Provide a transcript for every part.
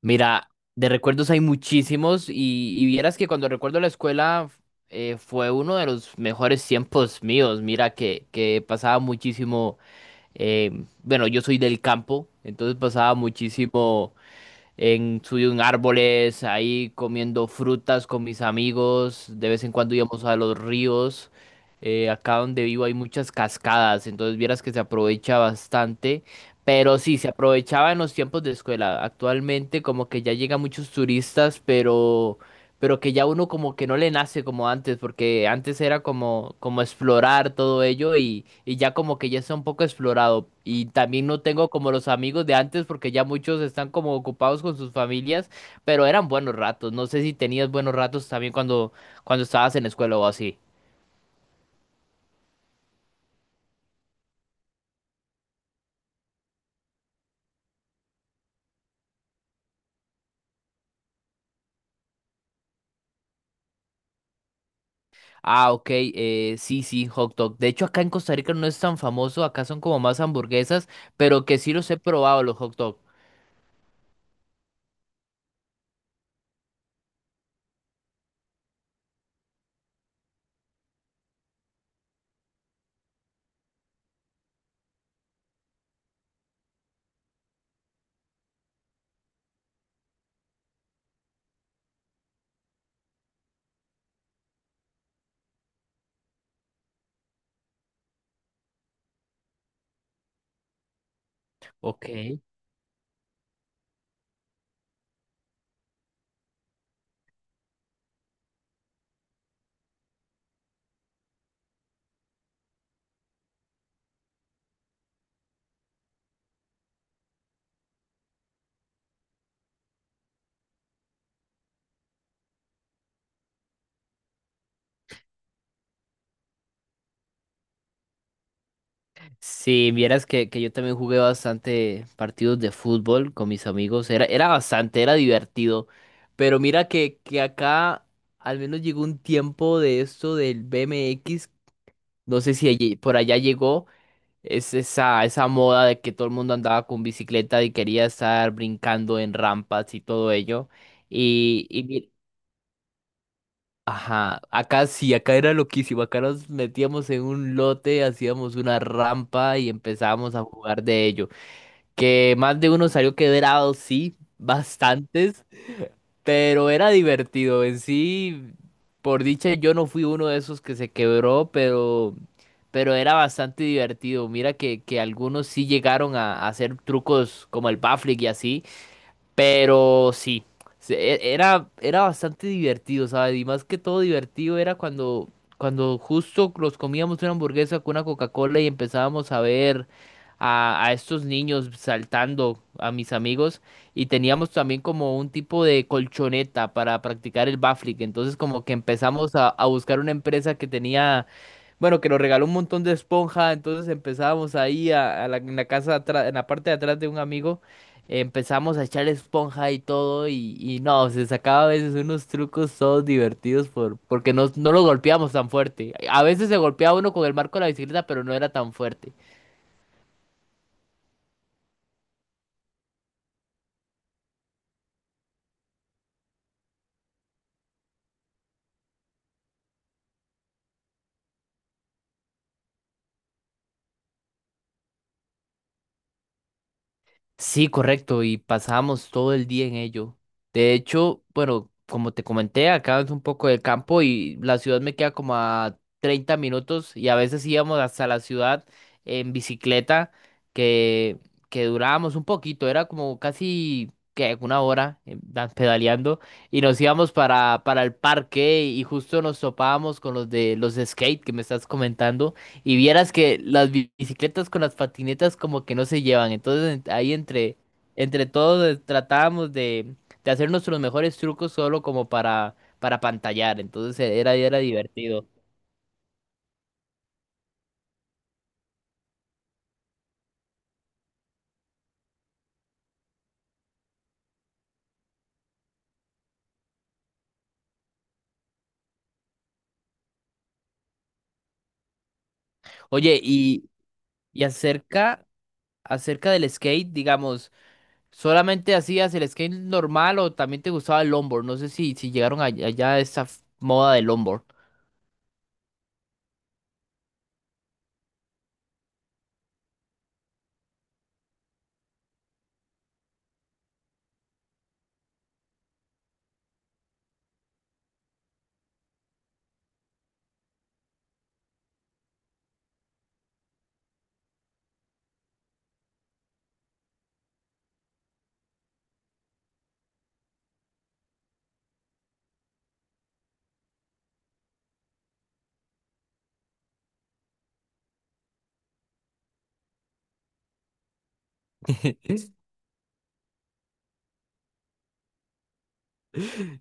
Mira, de recuerdos hay muchísimos y vieras que cuando recuerdo la escuela fue uno de los mejores tiempos míos. Mira que pasaba muchísimo, eh, bueno, yo soy del campo, entonces pasaba muchísimo subí en árboles, ahí comiendo frutas con mis amigos. De vez en cuando íbamos a los ríos. Acá donde vivo hay muchas cascadas, entonces vieras que se aprovecha bastante. Pero sí, se aprovechaba en los tiempos de escuela. Actualmente como que ya llegan muchos turistas, pero que ya uno como que no le nace como antes, porque antes era como, como explorar todo ello y ya como que ya está un poco explorado. Y también no tengo como los amigos de antes, porque ya muchos están como ocupados con sus familias, pero eran buenos ratos. No sé si tenías buenos ratos también cuando estabas en la escuela o así. Ah, ok, sí, sí, hot dog. De hecho, acá en Costa Rica no es tan famoso, acá son como más hamburguesas, pero que sí los he probado los hot dog. Ok. Si vieras que yo también jugué bastante partidos de fútbol con mis amigos, era bastante, era divertido, pero mira que acá al menos llegó un tiempo de esto del BMX. No sé si por allá llegó, es esa moda de que todo el mundo andaba con bicicleta y quería estar brincando en rampas y todo ello, y, y mi- ajá, acá sí, acá era loquísimo, acá nos metíamos en un lote, hacíamos una rampa y empezábamos a jugar de ello que más de uno salió quebrado, sí, bastantes, pero era divertido en sí. Por dicha, yo no fui uno de esos que se quebró, pero era bastante divertido. Mira que algunos sí llegaron a hacer trucos como el backflip y así. Pero sí, era bastante divertido, ¿sabes? Y más que todo divertido era cuando justo los comíamos una hamburguesa con una Coca-Cola y empezábamos a ver a estos niños saltando, a mis amigos, y teníamos también como un tipo de colchoneta para practicar el backflip. Entonces como que empezamos a buscar una empresa que tenía... Bueno, que nos regaló un montón de esponja, entonces empezábamos ahí en la casa atrás, en la parte de atrás de un amigo. Empezamos a echar esponja y todo y no, se sacaba a veces unos trucos todos divertidos porque no lo golpeamos tan fuerte. A veces se golpeaba uno con el marco de la bicicleta, pero no era tan fuerte. Sí, correcto, y pasábamos todo el día en ello. De hecho, bueno, como te comenté, acá es un poco de campo y la ciudad me queda como a 30 minutos y a veces íbamos hasta la ciudad en bicicleta que, que durábamos un poquito, era como casi que 1 hora pedaleando y nos íbamos para el parque y justo nos topábamos con los de skate que me estás comentando. Y vieras que las bicicletas con las patinetas como que no se llevan. Entonces entre todos tratábamos de hacer nuestros mejores trucos solo como para pantallar. Entonces era, era divertido. Oye, y acerca, acerca del skate, digamos, ¿solamente hacías el skate normal o también te gustaba el longboard? No sé si llegaron allá a esa moda del longboard.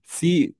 Sí.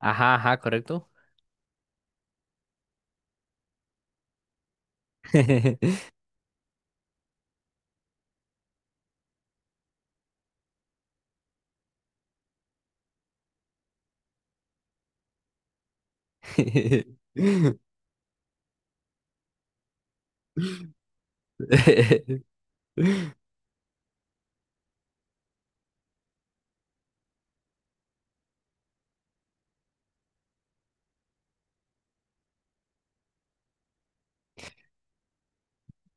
Ajá, ajá, correcto.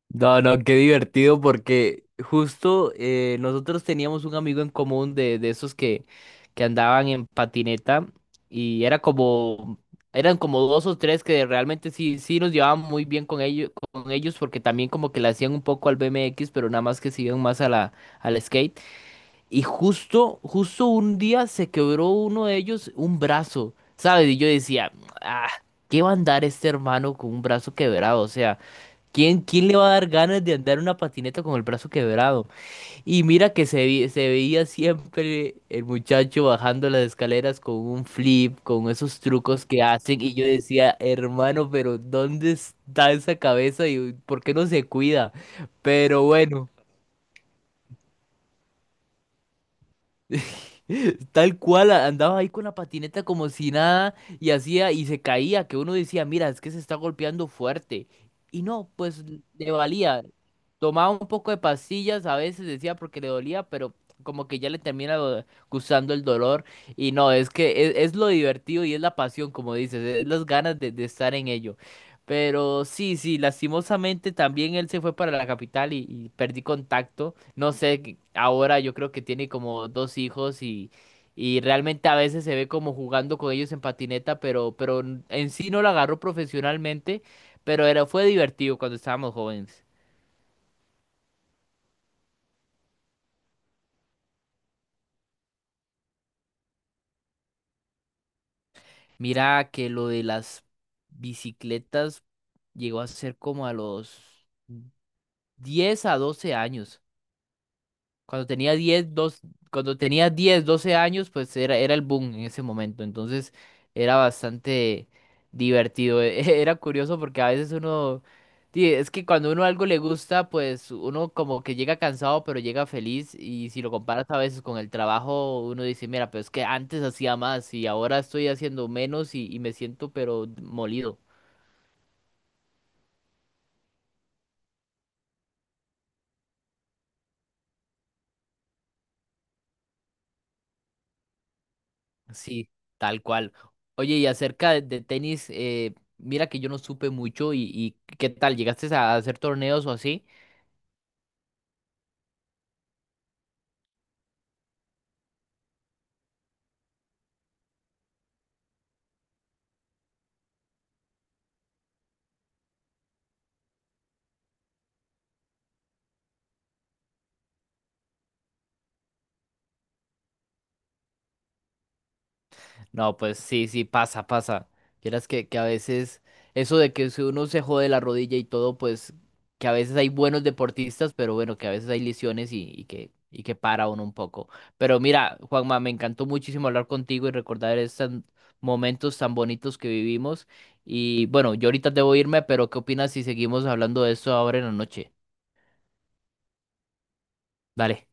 No, no, qué divertido porque justo nosotros teníamos un amigo en común de esos que andaban en patineta y era como, eran como dos o tres que realmente sí, sí nos llevaban muy bien con ellos porque también como que le hacían un poco al BMX, pero nada más que se iban más a al skate. Y justo, justo un día se quebró uno de ellos un brazo, ¿sabes? Y yo decía, ah, ¿qué va a andar este hermano con un brazo quebrado? O sea... ¿Quién, quién le va a dar ganas de andar en una patineta con el brazo quebrado? Y mira que se veía siempre el muchacho bajando las escaleras con un flip, con esos trucos que hacen. Y yo decía, hermano, pero ¿dónde está esa cabeza y por qué no se cuida? Pero bueno. Tal cual, andaba ahí con la patineta como si nada y hacía y se caía, que uno decía, mira, es que se está golpeando fuerte. Y no, pues le valía. Tomaba un poco de pastillas, a veces decía porque le dolía, pero como que ya le gustando el dolor. Y no, es que es lo divertido y es la pasión, como dices, es las ganas de estar en ello. Pero sí, sí, lastimosamente también él se fue para la capital y perdí contacto. No sé, que ahora yo creo que tiene como dos hijos y realmente a veces se ve como jugando con ellos en patineta, pero en sí no lo agarró profesionalmente, pero era, fue divertido cuando estábamos jóvenes. Mira que lo de las bicicletas llegó a ser como a los 10 a 12 años. Cuando tenía 10 dos- cuando tenía 10 12 años, pues era, era el boom en ese momento. Entonces era bastante divertido. Era curioso porque a veces uno... sí, es que cuando uno algo le gusta, pues uno como que llega cansado, pero llega feliz. Y si lo comparas a veces con el trabajo, uno dice, mira, pero es que antes hacía más y ahora estoy haciendo menos y me siento pero molido. Sí, tal cual. Oye, y acerca de tenis, mira que yo no supe mucho y ¿qué tal? ¿Llegaste a hacer torneos o así? No, pues sí, sí, pasa, pasa. Vieras que a veces eso de que si uno se jode la rodilla y todo, pues que a veces hay buenos deportistas, pero bueno, que a veces hay lesiones y que para uno un poco. Pero mira, Juanma, me encantó muchísimo hablar contigo y recordar estos momentos tan bonitos que vivimos. Y bueno, yo ahorita debo irme, pero ¿qué opinas si seguimos hablando de esto ahora en la noche? Dale.